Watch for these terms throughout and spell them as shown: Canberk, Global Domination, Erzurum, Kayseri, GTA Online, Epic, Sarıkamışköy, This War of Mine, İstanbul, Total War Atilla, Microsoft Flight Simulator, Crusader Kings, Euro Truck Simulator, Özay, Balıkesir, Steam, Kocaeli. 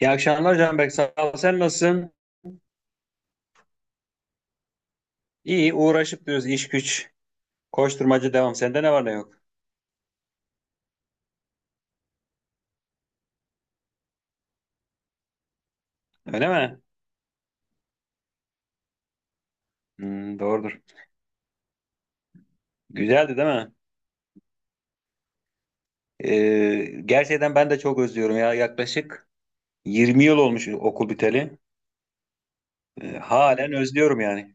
İyi akşamlar Canberk. Sağ ol. Sen nasılsın? İyi. Uğraşıp diyoruz. İş güç. Koşturmacı devam. Sende ne var ne yok? Öyle mi? Hmm, doğrudur. Güzeldi değil mi? Gerçekten ben de çok özlüyorum ya. Yaklaşık 20 yıl olmuş okul biteli. Halen özlüyorum yani.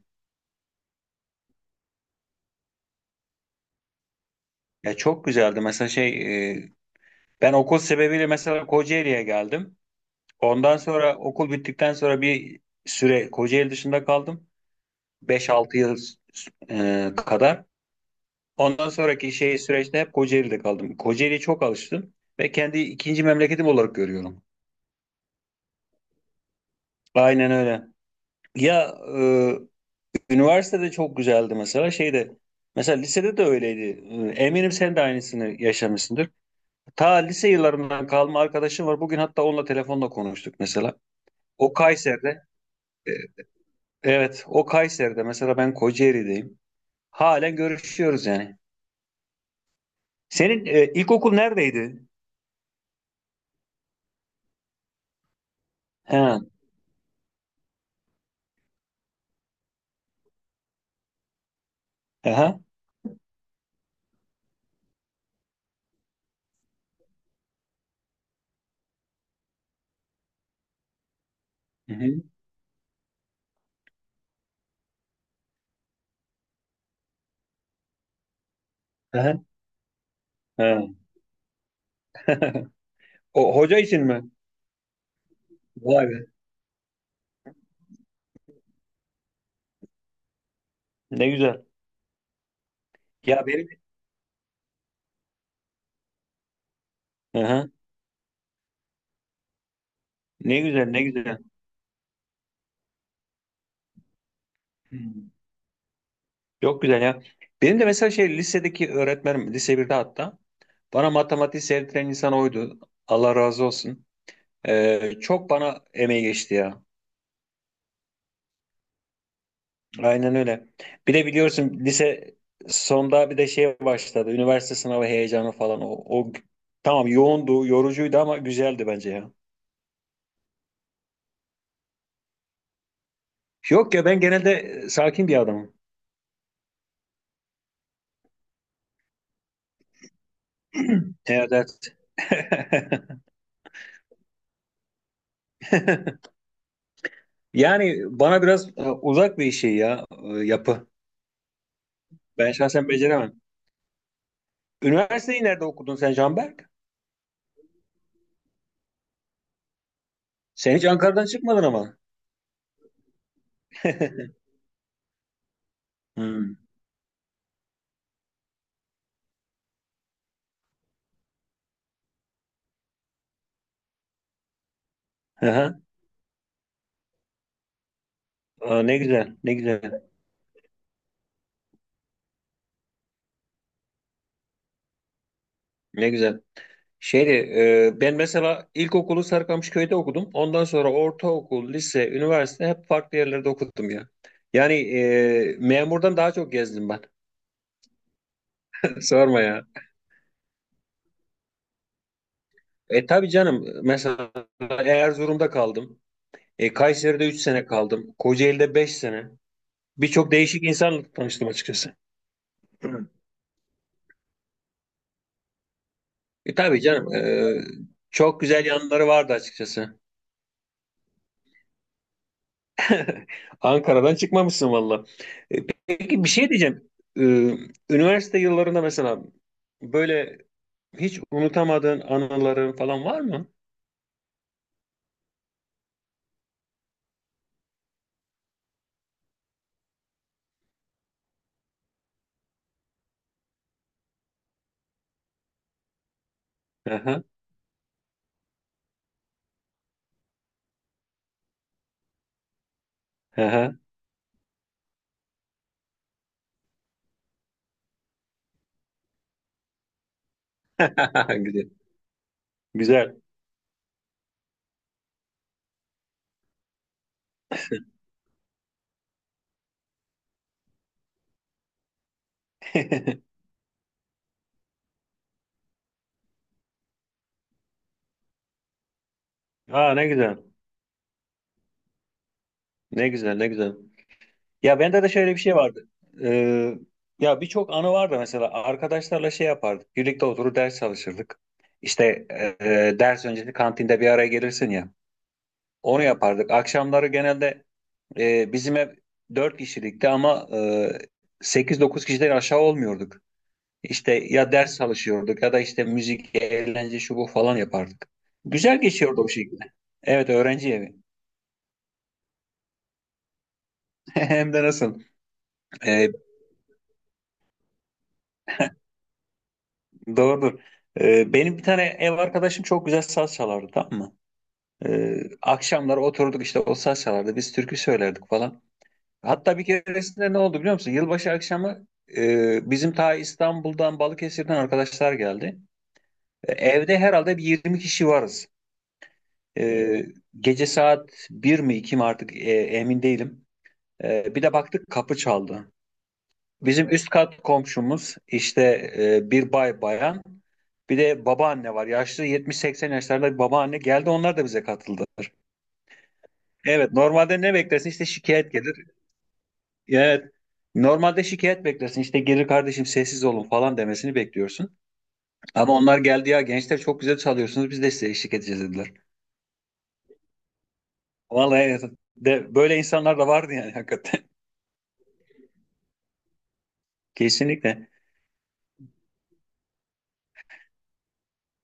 Ya çok güzeldi. Mesela e, ben okul sebebiyle mesela Kocaeli'ye geldim. Ondan sonra okul bittikten sonra bir süre Kocaeli dışında kaldım. 5-6 yıl kadar. Ondan sonraki süreçte hep Kocaeli'de kaldım. Kocaeli'ye çok alıştım ve kendi ikinci memleketim olarak görüyorum. Aynen öyle. Ya Üniversitede çok güzeldi mesela. Mesela lisede de öyleydi. Eminim sen de aynısını yaşamışsındır. Ta lise yıllarından kalma arkadaşım var. Bugün hatta onunla telefonla konuştuk mesela. O Kayseri'de. e, evet, o Kayseri'de mesela ben Kocaeli'deyim. Halen görüşüyoruz yani. Senin ilkokul neredeydi? He. Aha. Hı hı. Aha. He. O hoca için mi? Vay be. Ne güzel. Ya benim. Aha. Ne güzel, ne güzel. Hmm. Çok güzel ya. Benim de mesela lisedeki öğretmenim lise birde hatta bana matematiği sevdiren insan oydu. Allah razı olsun. Çok bana emeği geçti ya. Aynen öyle. Bir de biliyorsun lise sonda bir de başladı. Üniversite sınavı heyecanı falan. O tamam yoğundu, yorucuydu ama güzeldi bence ya. Yok ya ben genelde sakin bir adamım. Evet, evet. Yani bana biraz uzak bir yapı. Ben şahsen beceremem. Üniversiteyi nerede okudun sen Canberk? Sen hiç Ankara'dan çıkmadın ama. Hmm. Aha. Aa, ne güzel, ne güzel, ne güzel. Şeydi, Ben mesela ilkokulu Sarıkamışköy'de okudum. Ondan sonra ortaokul, lise, üniversite hep farklı yerlerde okudum ya. Memurdan daha çok gezdim ben. Sorma ya. E tabii canım, mesela Erzurum'da kaldım. Kayseri'de 3 sene kaldım. Kocaeli'de 5 sene. Birçok değişik insanla tanıştım açıkçası. Tabii canım. Çok güzel yanları vardı açıkçası. Ankara'dan çıkmamışsın valla. E, peki bir şey diyeceğim. E, Üniversite yıllarında mesela böyle hiç unutamadığın anıların falan var mı? Aha, aha. Güzel. Güzel. Aa ne güzel. Ne güzel, ne güzel. Ya bende de şöyle bir şey vardı. Ee, Ya birçok anı vardı mesela. Arkadaşlarla yapardık. Birlikte oturup ders çalışırdık. İşte ders öncesi kantinde bir araya gelirsin ya. Onu yapardık. Akşamları genelde bizim ev 4 kişilikti ama 8-9 kişiden aşağı olmuyorduk. İşte ya ders çalışıyorduk ya da işte müzik, eğlence şu bu falan yapardık. Güzel geçiyordu o şekilde. Evet öğrenci evi. Hem de nasıl? E, Doğrudur. Benim bir tane ev arkadaşım çok güzel saz çalardı, tamam mı? Akşamlar oturduk işte o saz çalardı. Biz türkü söylerdik falan. Hatta bir keresinde ne oldu biliyor musun? Yılbaşı akşamı bizim ta İstanbul'dan Balıkesir'den arkadaşlar geldi. E, Evde herhalde bir 20 kişi varız. E, Gece saat bir mi 2 mi artık emin değilim. Bir de baktık kapı çaldı. Bizim üst kat komşumuz işte bir bay bayan. Bir de babaanne var. Yaşlı 70-80 yaşlarında bir babaanne geldi. Onlar da bize katıldılar. Evet, normalde ne beklersin? İşte şikayet gelir. Evet. Normalde şikayet beklersin. İşte gelir kardeşim sessiz olun falan demesini bekliyorsun. Ama onlar geldi ya gençler çok güzel çalıyorsunuz. Biz de size eşlik edeceğiz dediler. Vallahi evet, böyle insanlar da vardı yani hakikaten. Kesinlikle.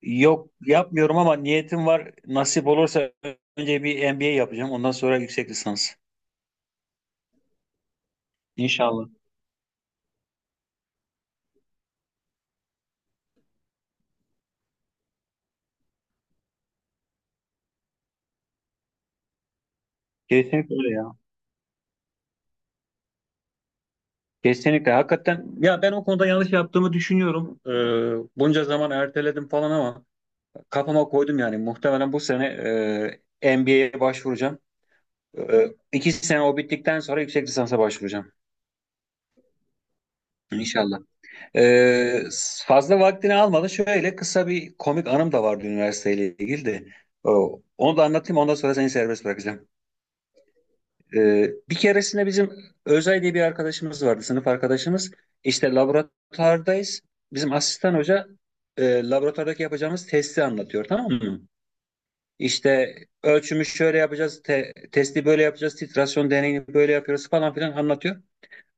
Yok yapmıyorum ama niyetim var. Nasip olursa önce bir MBA yapacağım. Ondan sonra yüksek lisans. İnşallah. Kesinlikle öyle ya. Kesinlikle. Hakikaten ya ben o konuda yanlış yaptığımı düşünüyorum. Bunca zaman erteledim falan ama kafama koydum yani. Muhtemelen bu sene NBA'ye başvuracağım. İki sene o bittikten sonra yüksek lisansa başvuracağım. İnşallah. Ee, Fazla vaktini almadı. Şöyle kısa bir komik anım da vardı üniversiteyle ilgili de. Onu da anlatayım ondan sonra seni serbest bırakacağım. Bir keresinde bizim Özay diye bir arkadaşımız vardı, sınıf arkadaşımız. İşte laboratuvardayız. Bizim asistan hoca laboratuvardaki yapacağımız testi anlatıyor, tamam mı? İşte ölçümü şöyle yapacağız, testi böyle yapacağız, titrasyon deneyini böyle yapıyoruz falan filan anlatıyor.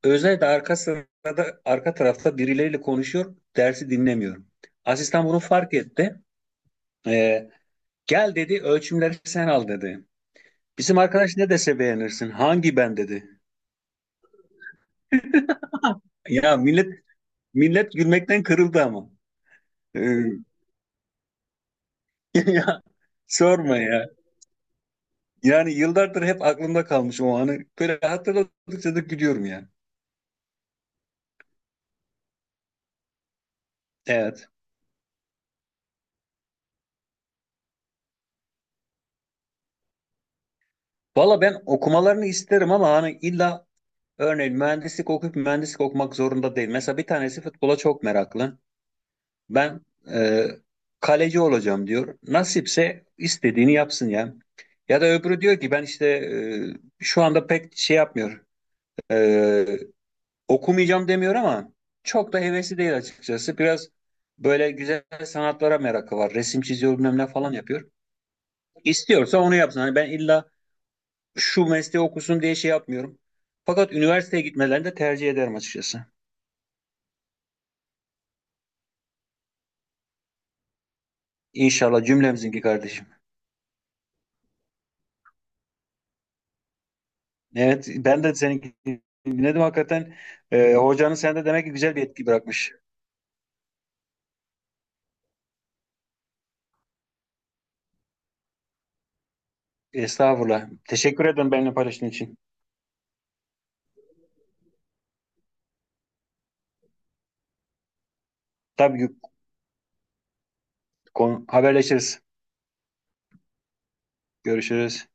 Özay da arka sırada, arka tarafta birileriyle konuşuyor, dersi dinlemiyor. Asistan bunu fark etti. Ee, Gel dedi, ölçümleri sen al dedi. Bizim arkadaş ne dese beğenirsin, hangi ben dedi. Ya millet Millet gülmekten kırıldı ama. Ee, ya sorma ya. Yani yıllardır hep aklımda kalmış o anı. Böyle hatırladıkça da gülüyorum yani. Evet. Valla ben okumalarını isterim ama hani illa örneğin mühendislik okuyup mühendislik okumak zorunda değil. Mesela bir tanesi futbola çok meraklı. Ben e, Kaleci olacağım diyor. Nasipse istediğini yapsın ya. Ya da öbürü diyor ki ben işte şu anda pek şey yapmıyor. E, Okumayacağım demiyor ama çok da hevesi değil açıkçası. Biraz böyle güzel sanatlara merakı var. Resim çiziyor bilmem ne falan yapıyor. İstiyorsa onu yapsın. Hani ben illa şu mesleği okusun diye şey yapmıyorum. Fakat üniversiteye gitmelerini de tercih ederim açıkçası. İnşallah cümlemizinki kardeşim. Evet ben de seninki dinledim hakikaten. Hocanın sende demek ki güzel bir etki bırakmış. Estağfurullah. Teşekkür ederim benimle paylaştığın için. Tabii ki haberleşiriz. Görüşürüz.